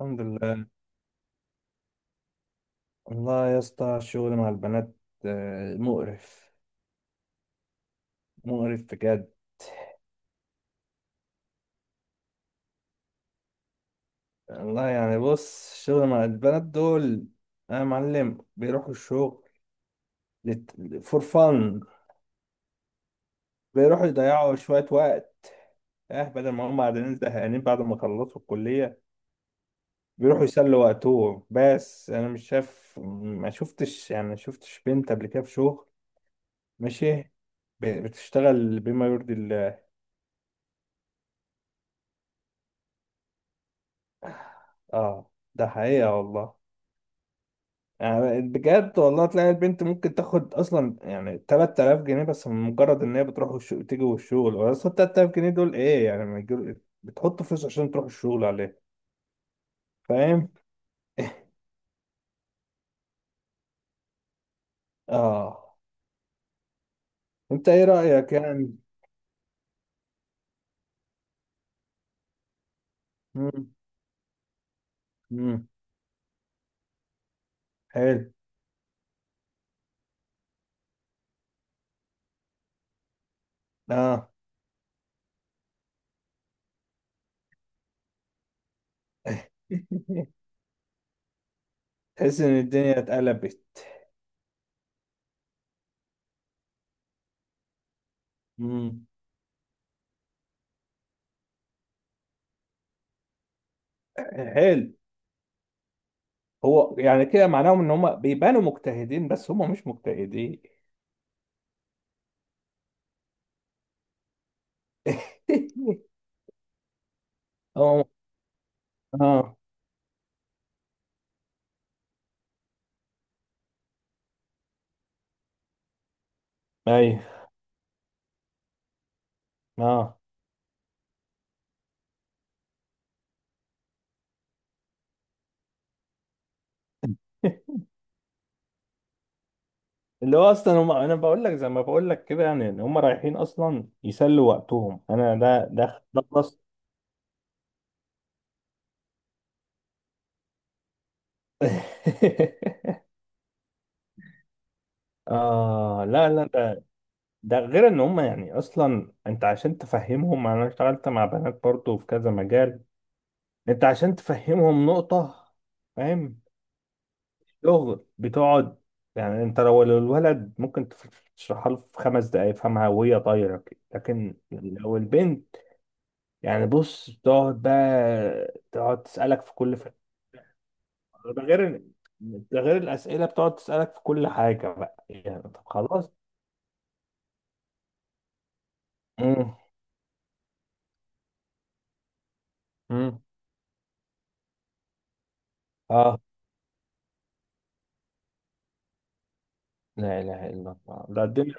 الحمد لله. والله يا اسطى، الشغل مع البنات آه، مقرف. مقرف بجد. والله يعني بص، الشغل مع البنات دول يا معلم بيروحوا الشغل فور فن. بيروحوا يضيعوا شوية وقت، اه، بدل ما هم قاعدين زهقانين بعد ما خلصوا الكلية. بيروحوا يسلوا وقتهم، بس انا مش شايف، ما شفتش بنت قبل كده في شغل ماشي بتشتغل بما يرضي الله. اه، ده حقيقة والله. يعني بجد والله تلاقي البنت ممكن تاخد اصلا يعني 3000 جنيه بس، من مجرد ان هي بتروح تيجي، والشغل اصلا 3000 جنيه دول ايه يعني، ما يجيب... بتحط فلوس عشان تروح الشغل عليه. فاهم؟ اه. انت ايه رأيك يعني؟ مم. مم. حلو. اه. تحس ان الدنيا اتقلبت. مم. حلو. هو يعني كده معناهم ان هم بيبانوا مجتهدين بس هم مش مجتهدين. هم. اه. ايوه. اه. اللي هو اصلا هم، انا بقول لك زي ما بقول لك كده، يعني ان هم رايحين اصلا يسلوا وقتهم انا، ده خلاص. اه. لا لا، ده غير ان هم يعني اصلا. انت عشان تفهمهم، انا اشتغلت مع بنات برضو في كذا مجال. انت عشان تفهمهم نقطة، فاهم؟ شغل بتقعد، يعني انت لو الولد ممكن تشرحها له في 5 دقايق يفهمها وهي طايرة كده، لكن لو البنت، يعني بص، تقعد بقى تقعد تسألك في كل، ده غير ال- ده غير الاسئله، بتقعد تسالك في كل حاجه بقى، يعني طب خلاص. امم. امم. اه. لا اله الا الله، ده الدنيا.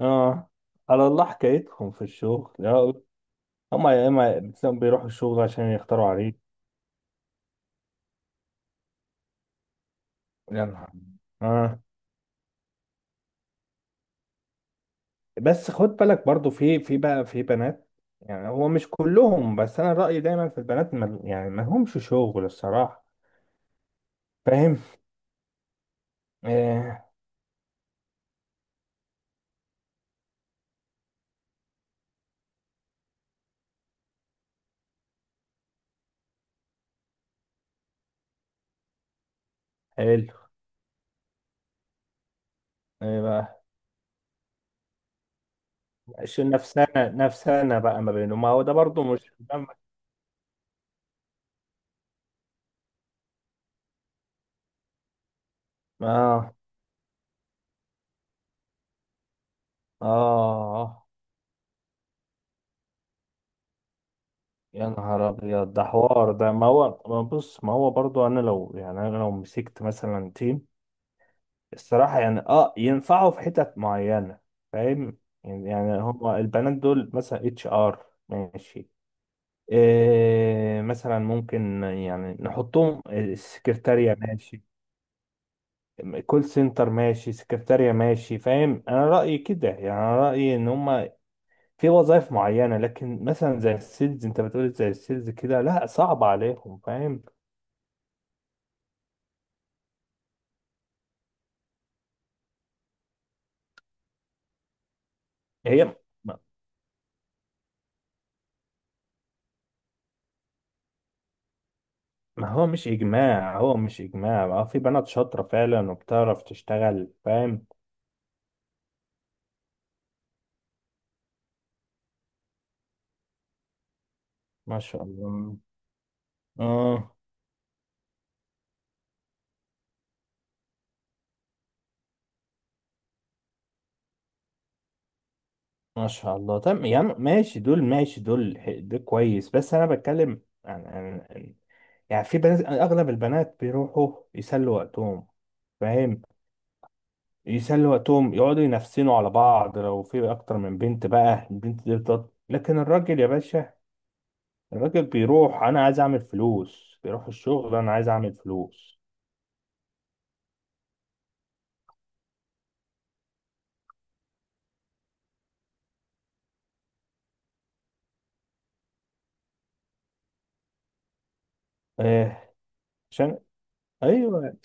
اه، على الله حكايتهم في الشغل يا. هم يا اما بتلاقيهم بيروحوا الشغل عشان يختاروا عليك. يا نهار. اه. بس خد بالك برضو، في، في بقى في بنات، يعني هو مش كلهم، بس انا رايي دايما في البنات ما، يعني ما لهمش شغل الصراحه. فاهم؟ آه. حلو. ايه بقى؟ شو نفسنا نفسنا بقى ما بينه، ما هو ده برضه مش. اه. اه. يا نهار ابيض، ده حوار! ده ما هو، ما بص، ما هو برضو انا لو يعني، انا لو مسكت مثلا تيم، الصراحه يعني اه ينفعوا في حتت معينه. فاهم؟ يعني، هما البنات دول مثلا اتش ار ماشي، إيه مثلا، ممكن يعني نحطهم السكرتارية ماشي، كول سنتر ماشي، سكرتارية ماشي. فاهم؟ انا رأيي كده، يعني انا رأيي ان هما في وظائف معينة، لكن مثلا زي السيلز، انت بتقول زي السيلز كده، لا صعب عليهم. فاهم؟ هي، ما، ما هو مش اجماع، ما هو في بنات شاطرة فعلا وبتعرف تشتغل. فاهم؟ ما شاء الله. اه. ما شاء الله. طب يا عم ماشي دول، ماشي دول، ده كويس، بس انا بتكلم عن يعني في بنات، اغلب البنات بيروحوا يسلوا وقتهم. فاهم؟ يسلوا وقتهم، يقعدوا ينفسنوا على بعض لو في اكتر من بنت بقى، البنت دي لكن الراجل يا باشا، الراجل بيروح، انا عايز اعمل فلوس، بيروح الشغل، انا عايز اعمل فلوس. آه. عشان، ايوه،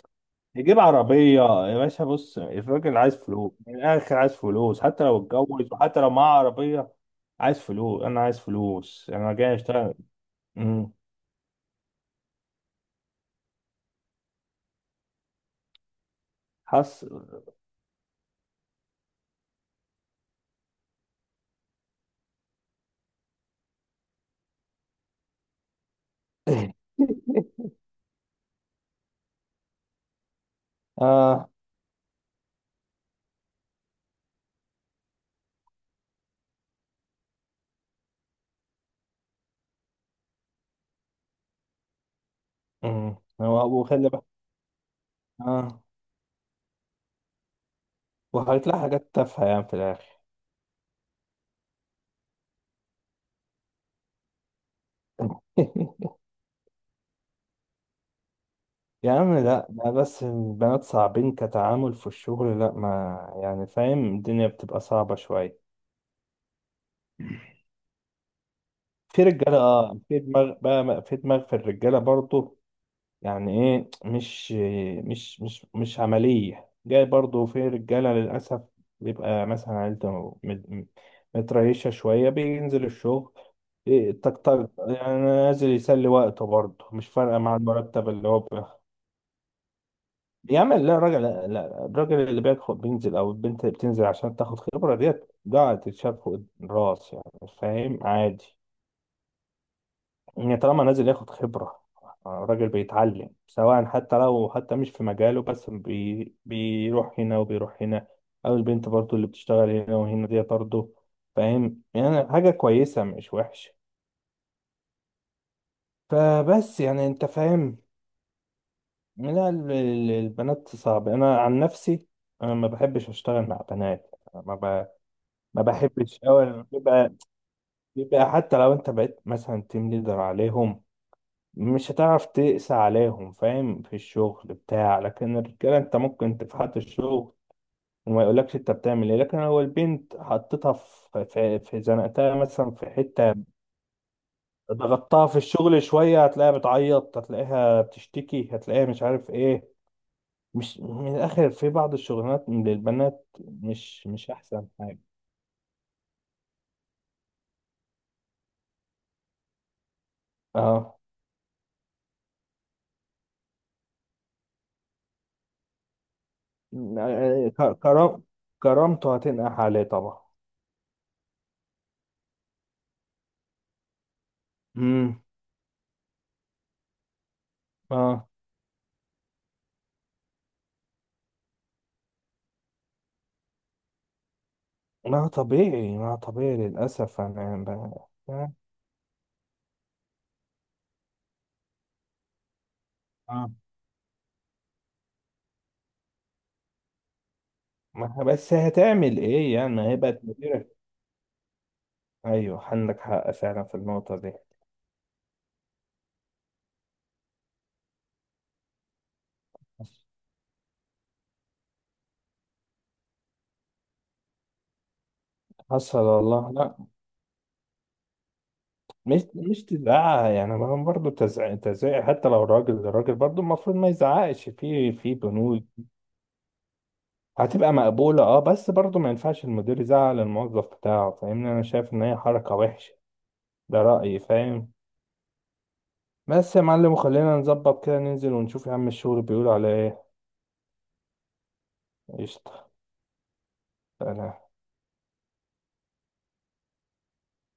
يجيب عربيه. يا باشا بص، الراجل عايز فلوس من الاخر، عايز فلوس حتى لو اتجوز وحتى لو معاه عربيه. عايز فلوس، انا عايز فلوس، انا جاي اشتغل. أمم، حس. اه. أمم، هو، وخلي بقى. اه. وهيطلع حاجات تافهه يعني في الاخر. يا عم لا لا، بس البنات صعبين كتعامل في الشغل، لا ما يعني، فاهم، الدنيا بتبقى صعبة شوية. في رجالة، اه، في دماغ بقى، في دماغ في الرجالة برضو، يعني ايه، مش عملية، جاي برضو في رجالة للأسف، بيبقى مثلا عيلته متريشة شوية بينزل الشغل، إيه، طق طق، يعني نازل يسلي وقته برضه مش فارقة مع المرتب اللي هو. يا عم لا، الراجل لا لا، الراجل اللي بياخد بينزل او البنت اللي بتنزل عشان تاخد خبره ديت، ده تتشاف فوق الراس، يعني فاهم، عادي. يعني طالما نازل ياخد خبره، الراجل بيتعلم سواء حتى لو حتى مش في مجاله، بس بيروح هنا وبيروح هنا، او البنت برضو اللي بتشتغل هنا وهنا دي برضو، فاهم، يعني حاجه كويسه مش وحشه. فبس يعني انت فاهم. لا، البنات صعب، انا عن نفسي انا ما بحبش اشتغل مع بنات، ما بحبش. أول بيبقى، بيبقى حتى لو أنت بقيت مثلا تيم ليدر عليهم، مش هتعرف تقسى عليهم. فاهم؟ في الشغل بتاع، لكن الرجالة أنت ممكن تفحت الشغل وما يقولكش أنت بتعمل إيه، لكن لو البنت حطيتها في زنقتها مثلا في حتة، ضغطتها في الشغل شوية، هتلاقيها بتعيط، هتلاقيها بتشتكي، هتلاقيها مش عارف إيه. مش من الآخر، في بعض الشغلانات من البنات مش، مش أحسن حاجة. اه. كرام، كرامته هتنقح عليه طبعا. امم. اه. ما طبيعي، ما طبيعي للأسف. آه. ما هي- بس هتعمل إيه يعني، ما هي بقت مديرة. أيوه، عندك حق فعلا في النقطة دي. حصل والله، لا. مش تزعق يعني، ما برضه تزعق، تزعق حتى لو راجل، الراجل برضه المفروض ما يزعقش في بنود. هتبقى مقبولة. اه، بس برضه ما ينفعش المدير يزعق للموظف بتاعه، فاهمني؟ أنا شايف إن هي حركة وحشة. ده رأيي، فاهم؟ بس يا معلم، وخلينا نظبط كده، ننزل ونشوف يا عم الشغل بيقول على ايه. قشطة. سلام.